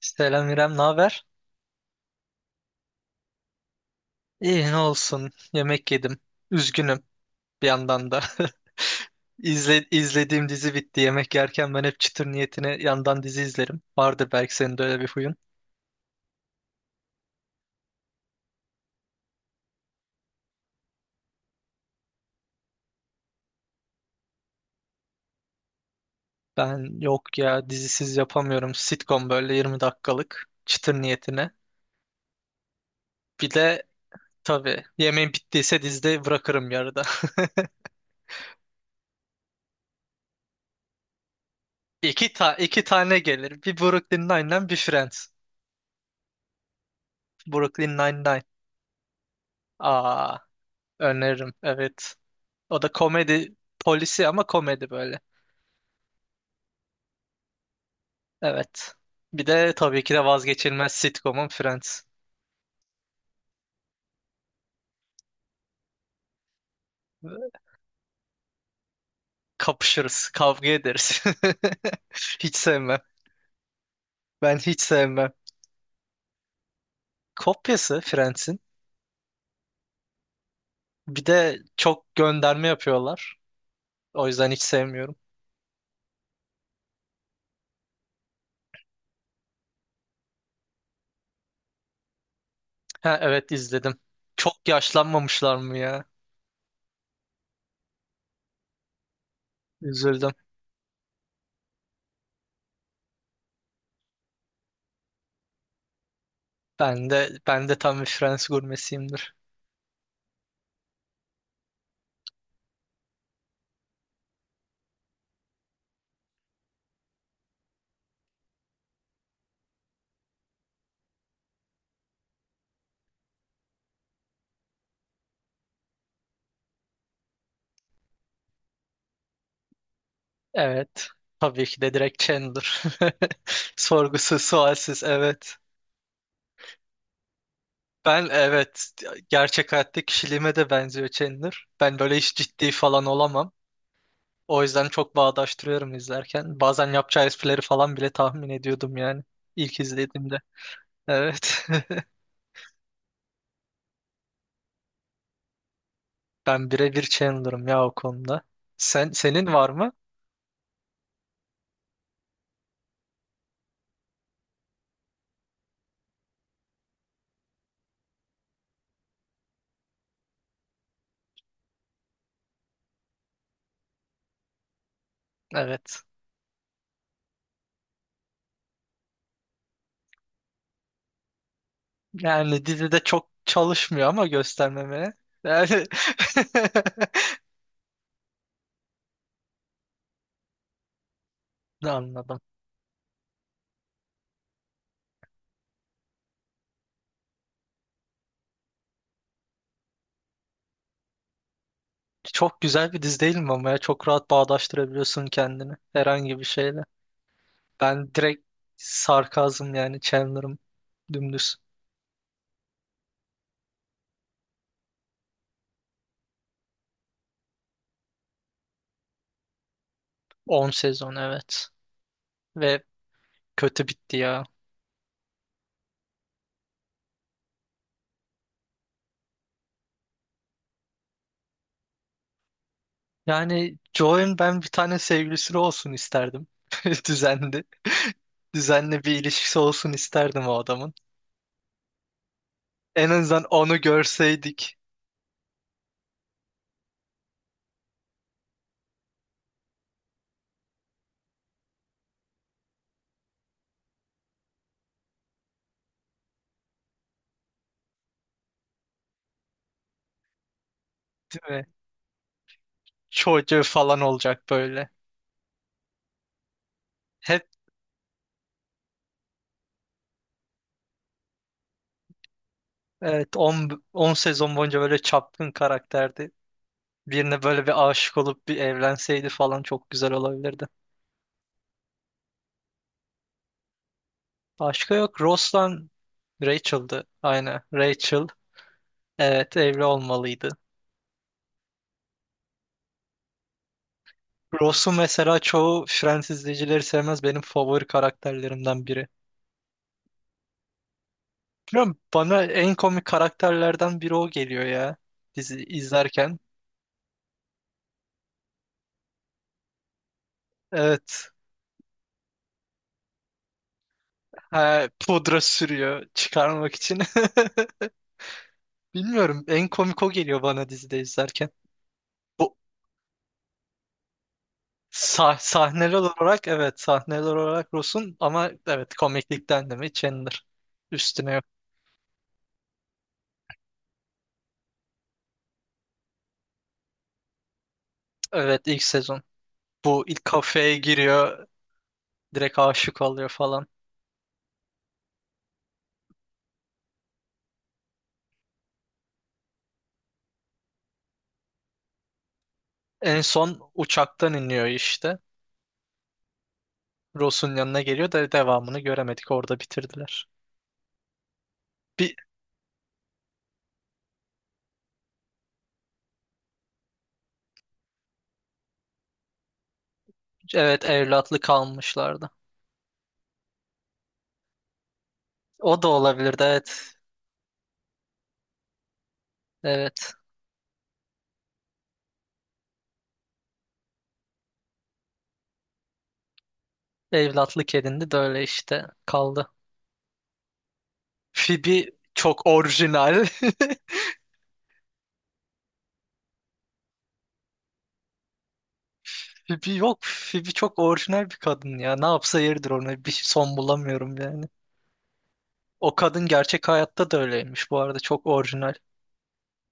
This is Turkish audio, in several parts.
Selam İrem, ne haber? İyi ne olsun. Yemek yedim. Üzgünüm bir yandan da. İzlediğim dizi bitti. Yemek yerken ben hep çıtır niyetine yandan dizi izlerim. Vardır belki senin de öyle bir huyun. Ben yok ya dizisiz yapamıyorum. Sitcom böyle 20 dakikalık çıtır niyetine. Bir de tabii yemeğin bittiyse dizide bırakırım yarıda. İki tane gelir. Bir Brooklyn Nine-Nine, bir Friends. Brooklyn Nine-Nine. Aa, öneririm. Evet. O da komedi polisi ama komedi böyle. Evet. Bir de tabii ki de vazgeçilmez sitcomum Friends. Kapışırız, kavga ederiz. Hiç sevmem. Ben hiç sevmem. Kopyası Friends'in. Bir de çok gönderme yapıyorlar. O yüzden hiç sevmiyorum. Ha, evet, izledim. Çok yaşlanmamışlar mı ya? Üzüldüm. Ben de ben de tam bir Fransız gurmesiyimdir. Evet. Tabii ki de direkt Chandler. Sorgusuz, sualsiz, evet. Ben, evet, gerçek hayatta kişiliğime de benziyor Chandler. Ben böyle hiç ciddi falan olamam. O yüzden çok bağdaştırıyorum izlerken. Bazen yapacağı esprileri falan bile tahmin ediyordum yani. İlk izlediğimde. Evet. Ben birebir Chandler'ım ya o konuda. Senin var mı? Evet. Yani dizide çok çalışmıyor ama göstermemeye. Yani... Anladım. Çok güzel bir dizi değil mi ama ya? Çok rahat bağdaştırabiliyorsun kendini herhangi bir şeyle. Ben direkt sarkazm, yani Chandler'ım dümdüz. 10 sezon, evet. Ve kötü bitti ya. Yani Joe'nun ben bir tane sevgilisi olsun isterdim. Düzenli. Düzenli bir ilişkisi olsun isterdim o adamın. En azından onu görseydik, değil mi? Çocuğu falan olacak böyle. Hep, evet, 10 sezon boyunca böyle çapkın karakterdi. Birine böyle bir aşık olup bir evlenseydi falan çok güzel olabilirdi. Başka yok. Ross'la Rachel'dı. Aynen. Rachel. Evet, evli olmalıydı. Ross'u mesela çoğu Friends izleyicileri sevmez. Benim favori karakterlerimden biri. Bilmiyorum, bana en komik karakterlerden biri o geliyor ya dizi izlerken. Evet. Ha, pudra sürüyor çıkarmak için. Bilmiyorum, en komik o geliyor bana dizide izlerken. Bu sahneler olarak, evet, sahneler olarak Ross'un ama evet komiklikten de mi Chandler üstüne yok. Evet, ilk sezon. Bu ilk kafeye giriyor, direkt aşık oluyor falan. En son uçaktan iniyor işte. Ross'un yanına geliyor da devamını göremedik. Orada bitirdiler. Bir, evet, evlatlı kalmışlardı. O da olabilirdi, evet. Evet. Evlatlık edindi de öyle işte kaldı. Phoebe çok orijinal. Phoebe yok. Phoebe çok orijinal bir kadın ya. Ne yapsa yeridir ona. Bir son bulamıyorum yani. O kadın gerçek hayatta da öyleymiş bu arada. Çok orijinal.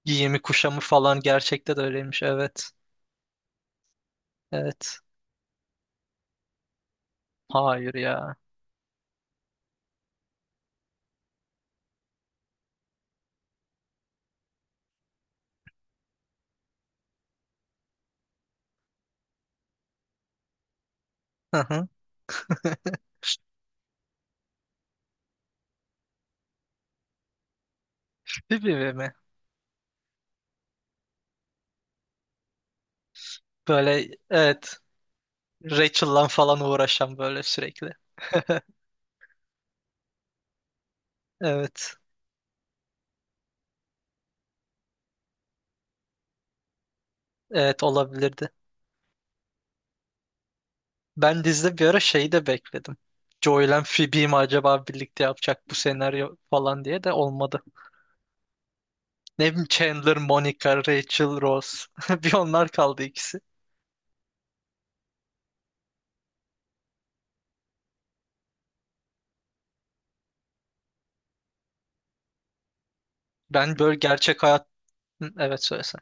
Giyimi kuşamı falan gerçekte de öyleymiş. Evet. Evet. Hayır ya. Hı hı. Phoebe mi? Böyle, evet, Rachel'la falan uğraşan böyle sürekli. Evet. Evet, olabilirdi. Ben dizide bir ara şeyi de bekledim. Joey'le Phoebe'yi mi acaba birlikte yapacak bu senaryo falan diye, de olmadı. Ne bileyim, Chandler, Monica, Rachel, Rose. Bir onlar kaldı ikisi. Ben böyle gerçek hayat... Hı, evet, söylesen.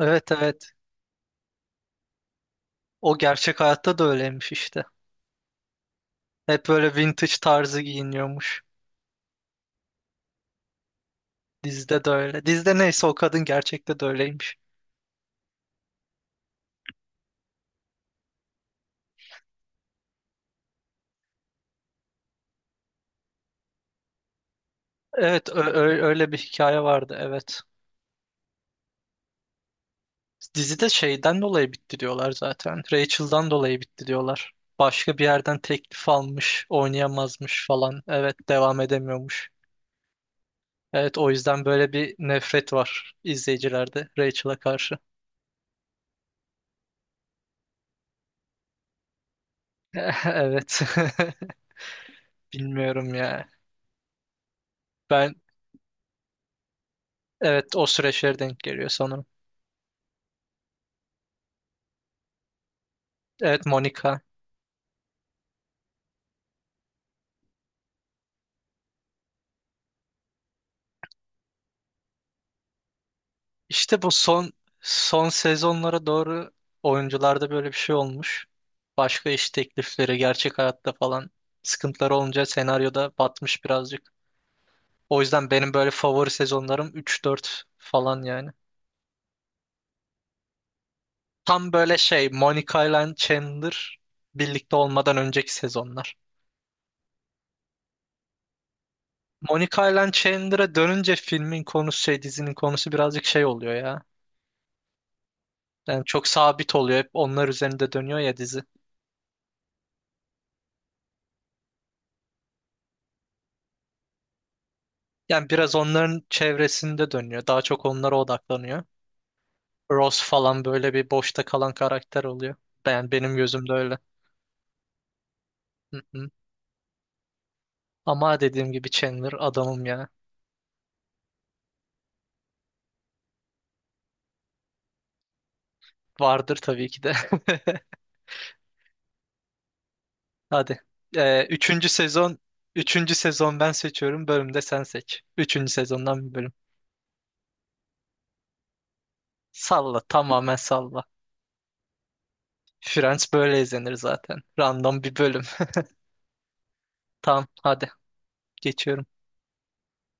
Evet, evet. O gerçek hayatta da öyleymiş işte. Hep böyle vintage tarzı giyiniyormuş. Dizide de öyle. Dizide neyse o kadın gerçekte de öyleymiş. Evet, öyle bir hikaye vardı, evet. Dizide şeyden dolayı bitti diyorlar zaten. Rachel'dan dolayı bitti diyorlar. Başka bir yerden teklif almış, oynayamazmış falan. Evet, devam edemiyormuş. Evet, o yüzden böyle bir nefret var izleyicilerde Rachel'a karşı. Evet. Bilmiyorum ya. Ben, evet, o süreçlere denk geliyor sanırım. Evet, Monica. İşte bu son sezonlara doğru oyuncularda böyle bir şey olmuş. Başka iş teklifleri, gerçek hayatta falan sıkıntıları olunca senaryoda batmış birazcık. O yüzden benim böyle favori sezonlarım 3-4 falan yani. Tam böyle şey Monica ile Chandler birlikte olmadan önceki sezonlar. Monica ile Chandler'a dönünce filmin konusu, şey, dizinin konusu birazcık şey oluyor ya. Yani çok sabit oluyor. Hep onlar üzerinde dönüyor ya dizi. Yani biraz onların çevresinde dönüyor. Daha çok onlara odaklanıyor. Ross falan böyle bir boşta kalan karakter oluyor. Benim gözümde öyle. Hı hı. Ama dediğim gibi Chandler adamım ya. Vardır tabii ki de. Hadi. Ee, üçüncü sezon üçüncü sezon ben seçiyorum. Bölümde sen seç. Üçüncü sezondan bir bölüm. Salla. Tamamen salla. Friends böyle izlenir zaten. Random bir bölüm. Tamam, hadi. Geçiyorum.